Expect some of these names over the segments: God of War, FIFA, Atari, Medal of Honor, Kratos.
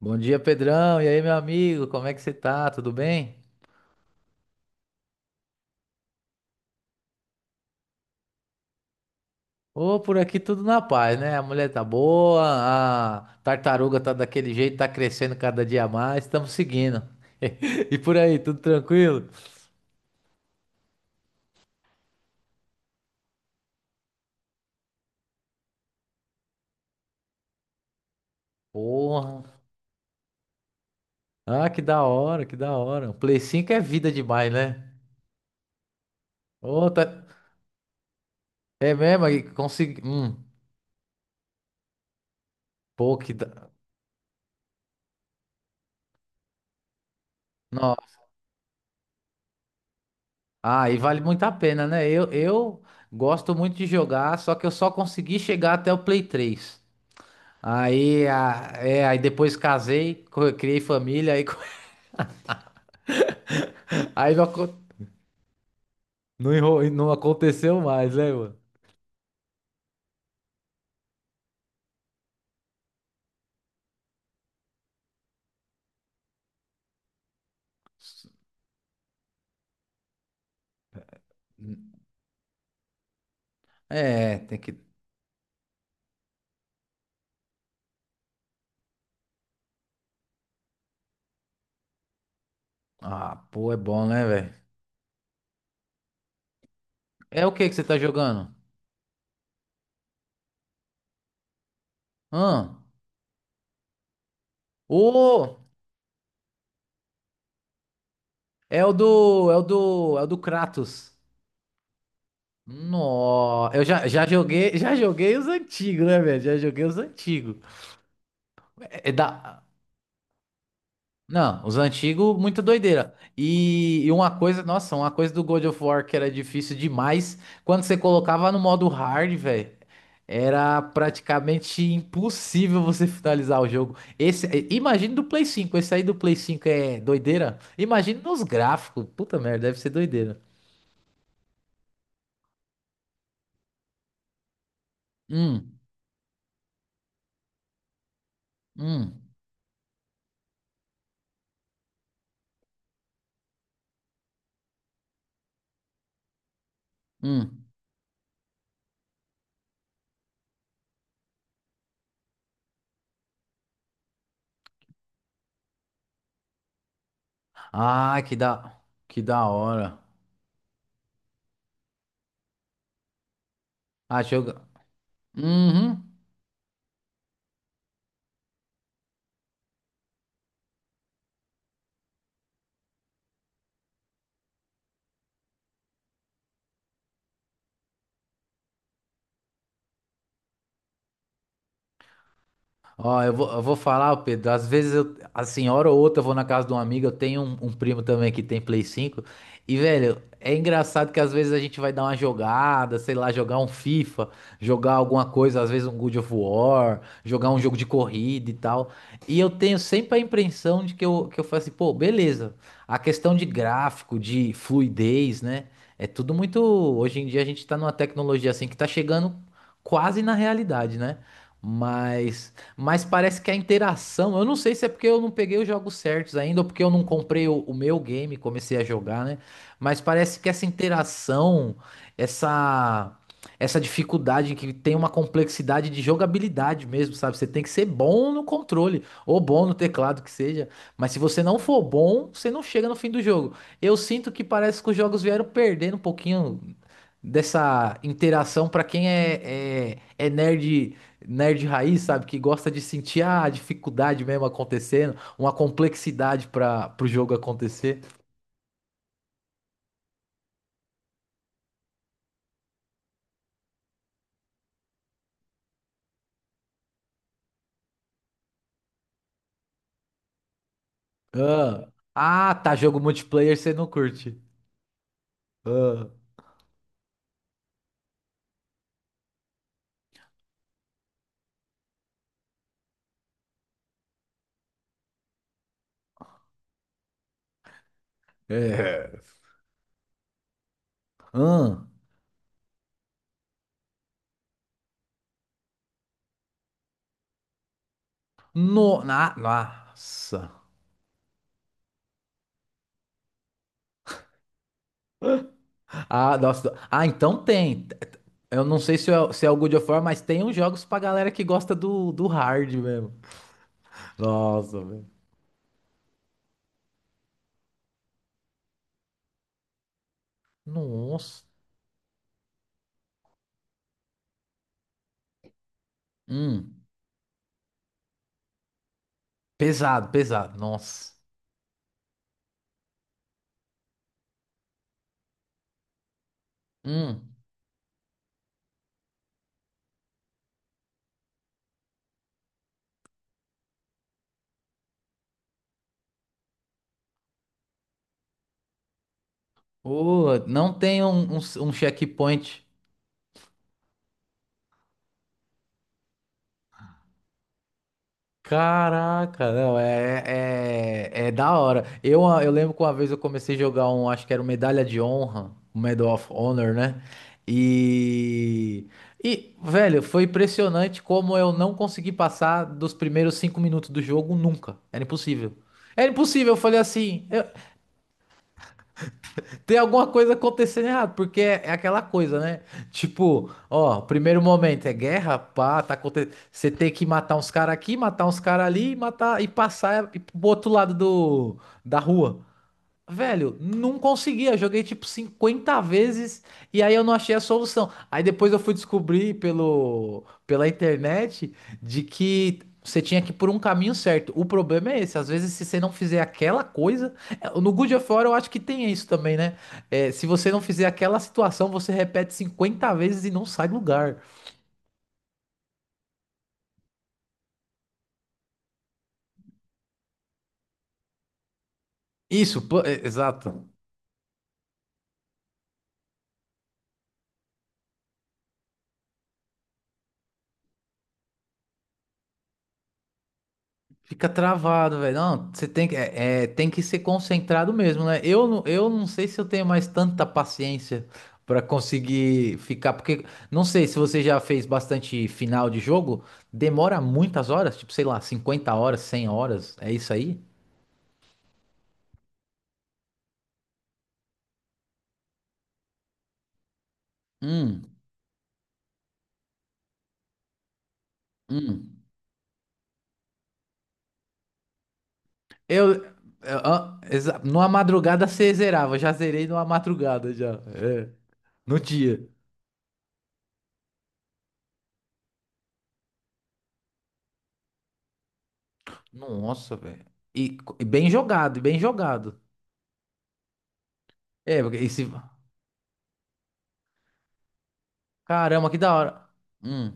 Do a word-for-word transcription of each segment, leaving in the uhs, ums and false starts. Bom dia, Pedrão. E aí, meu amigo? Como é que você tá? Tudo bem? Ô, por aqui tudo na paz, né? A mulher tá boa, a tartaruga tá daquele jeito, tá crescendo cada dia mais, estamos seguindo. E por aí, tudo tranquilo? Porra. Ah, que da hora, que da hora. O Play cinco é vida demais, né? Ô, tá. É mesmo, aí consegui. Hum, pô, que da. Não. Ah, e vale muito a pena, né? Eu, eu gosto muito de jogar, só que eu só consegui chegar até o Play três. Aí, a- é, aí depois casei, co- criei família, aí, co- aí não, acon- não, enro- não aconteceu mais, né, mano? É, tem que. Ah, pô, é bom, né, velho? É o que que você tá jogando? Hã? Ô, é o do. É o do. É o do Kratos. Nó, eu já, já joguei, já joguei os antigos, né, velho? Já joguei os antigos. É é da. Não, os antigos, muita doideira. E, e uma coisa, nossa, uma coisa do God of War que era difícil demais, quando você colocava no modo hard, velho, era praticamente impossível você finalizar o jogo. Esse, eh, imagina do Play cinco, esse aí do Play cinco é doideira? Imagina nos gráficos, puta merda, deve ser doideira. Hum, hum, hum. Ah, que da, que da hora. Ah, jogo. Uhum. Ó, eu vou, eu vou falar, ô Pedro. Às vezes, eu, assim, hora ou outra, eu vou na casa de um amigo. Eu tenho um, um primo também que tem Play cinco. E, velho, é engraçado que às vezes a gente vai dar uma jogada, sei lá, jogar um FIFA, jogar alguma coisa, às vezes um God of War, jogar um jogo de corrida e tal. E eu tenho sempre a impressão de que eu, que eu, falo assim, pô, beleza. A questão de gráfico, de fluidez, né? É tudo muito. Hoje em dia a gente tá numa tecnologia assim que tá chegando quase na realidade, né? Mas. Mas parece que a interação, eu não sei se é porque eu não peguei os jogos certos ainda, ou porque eu não comprei o, o meu game, e comecei a jogar, né? Mas parece que essa interação, essa essa dificuldade que tem uma complexidade de jogabilidade mesmo, sabe? Você tem que ser bom no controle ou bom no teclado que seja, mas se você não for bom, você não chega no fim do jogo. Eu sinto que parece que os jogos vieram perdendo um pouquinho dessa interação para quem é, é, é nerd nerd raiz, sabe? Que gosta de sentir ah, a dificuldade mesmo acontecendo, uma complexidade para pro jogo acontecer. Ah, ah, tá, jogo multiplayer você não curte. Ah, é. Ah, no, na, nossa. Ah, nossa. Ah, então tem. Eu não sei se é, se é o God of War, mas tem uns jogos pra galera que gosta do, do hard mesmo. Nossa, velho. Nossa. Hum, pesado, pesado. Nossa. Hum. Pô, não tem um, um, um checkpoint. Caraca, não, é, é, é é da hora. Eu, ah, eu lembro que uma vez eu comecei a jogar um, acho que era o Medalha de Honra, o Medal of Honor, né? E, e, velho, foi impressionante como eu não consegui passar dos primeiros cinco minutos do jogo nunca. Era impossível. Era impossível, eu falei assim. Tem alguma coisa acontecendo errado, porque é, é aquela coisa, né? Tipo, ó, primeiro momento é guerra, pá, tá acontecendo. Você tem que matar uns caras aqui, matar uns caras ali, e matar e passar e ir pro outro lado do, da rua. Velho, não conseguia. Joguei tipo cinquenta vezes e aí eu não achei a solução. Aí depois eu fui descobrir pelo, pela internet de que você tinha que ir por um caminho certo. O problema é esse. Às vezes, se você não fizer aquela coisa. é, No Good of War eu acho que tem isso também, né? É, se você não fizer aquela situação, você repete cinquenta vezes e não sai do lugar. Isso, pla- é, exato. Fica travado, velho. Não, você tem que, é, é, tem que ser concentrado mesmo, né? Eu, não- eu não sei se eu tenho mais tanta paciência pra conseguir ficar, porque não sei se você já fez bastante final de jogo, demora muitas horas, tipo, sei lá, cinquenta horas, cem horas, é isso aí? Hum, hum. Eu, eu- ah, exa- numa madrugada você zerava, já zerei numa madrugada já, é, no dia. Nossa, velho. E, co- e bem jogado, e bem jogado. É, porque esse. Caramba, que da hora. Hum,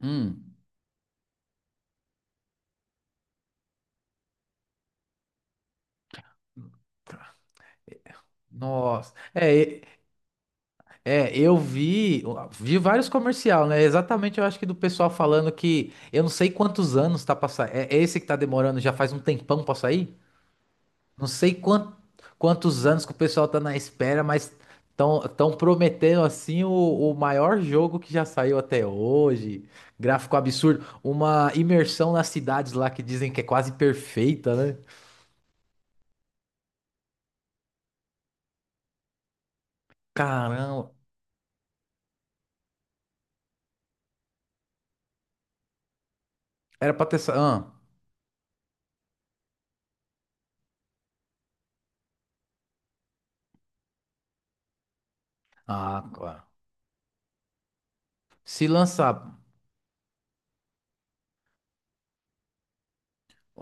hum. Nossa. É, e- é, eu vi, vi vários comercial, né? Exatamente, eu acho que do pessoal falando que eu não sei quantos anos tá passando. É, é esse que tá demorando, já faz um tempão pra sair? Não sei quan- quantos anos que o pessoal tá na espera, mas tão, tão prometendo assim o, o maior jogo que já saiu até hoje. Gráfico absurdo, uma imersão nas cidades lá que dizem que é quase perfeita, né? Caramba. Era pra ter. sa- Ah. Ah, claro. Se lançar.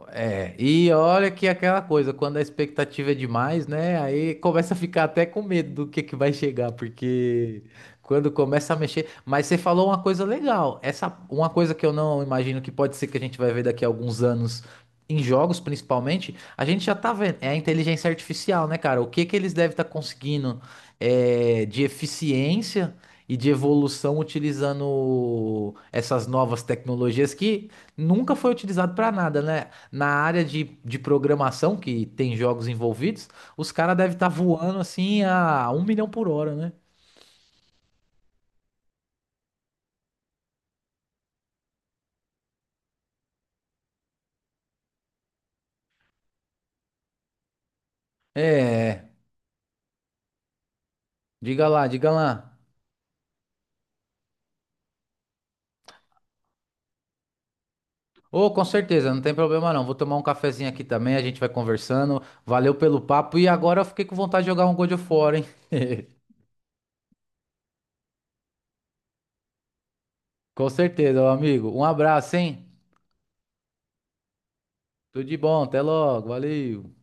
É, e olha que aquela coisa, quando a expectativa é demais, né? Aí começa a ficar até com medo do que que vai chegar, porque quando começa a mexer. Mas você falou uma coisa legal. Essa, uma coisa que eu não imagino que pode ser que a gente vai ver daqui a alguns anos em jogos, principalmente, a gente já tá vendo. É a inteligência artificial, né, cara? O que que eles devem estar conseguindo é, de eficiência e de evolução utilizando essas novas tecnologias que nunca foi utilizado para nada, né? Na área de, de programação, que tem jogos envolvidos, os caras devem estar voando assim a um milhão por hora, né? É, diga lá, diga lá. Ô, com certeza, não tem problema não. Vou tomar um cafezinho aqui também, a gente vai conversando. Valeu pelo papo e agora eu fiquei com vontade de jogar um God of War, hein? Com certeza, meu amigo. Um abraço, hein? Tudo de bom, até logo, valeu.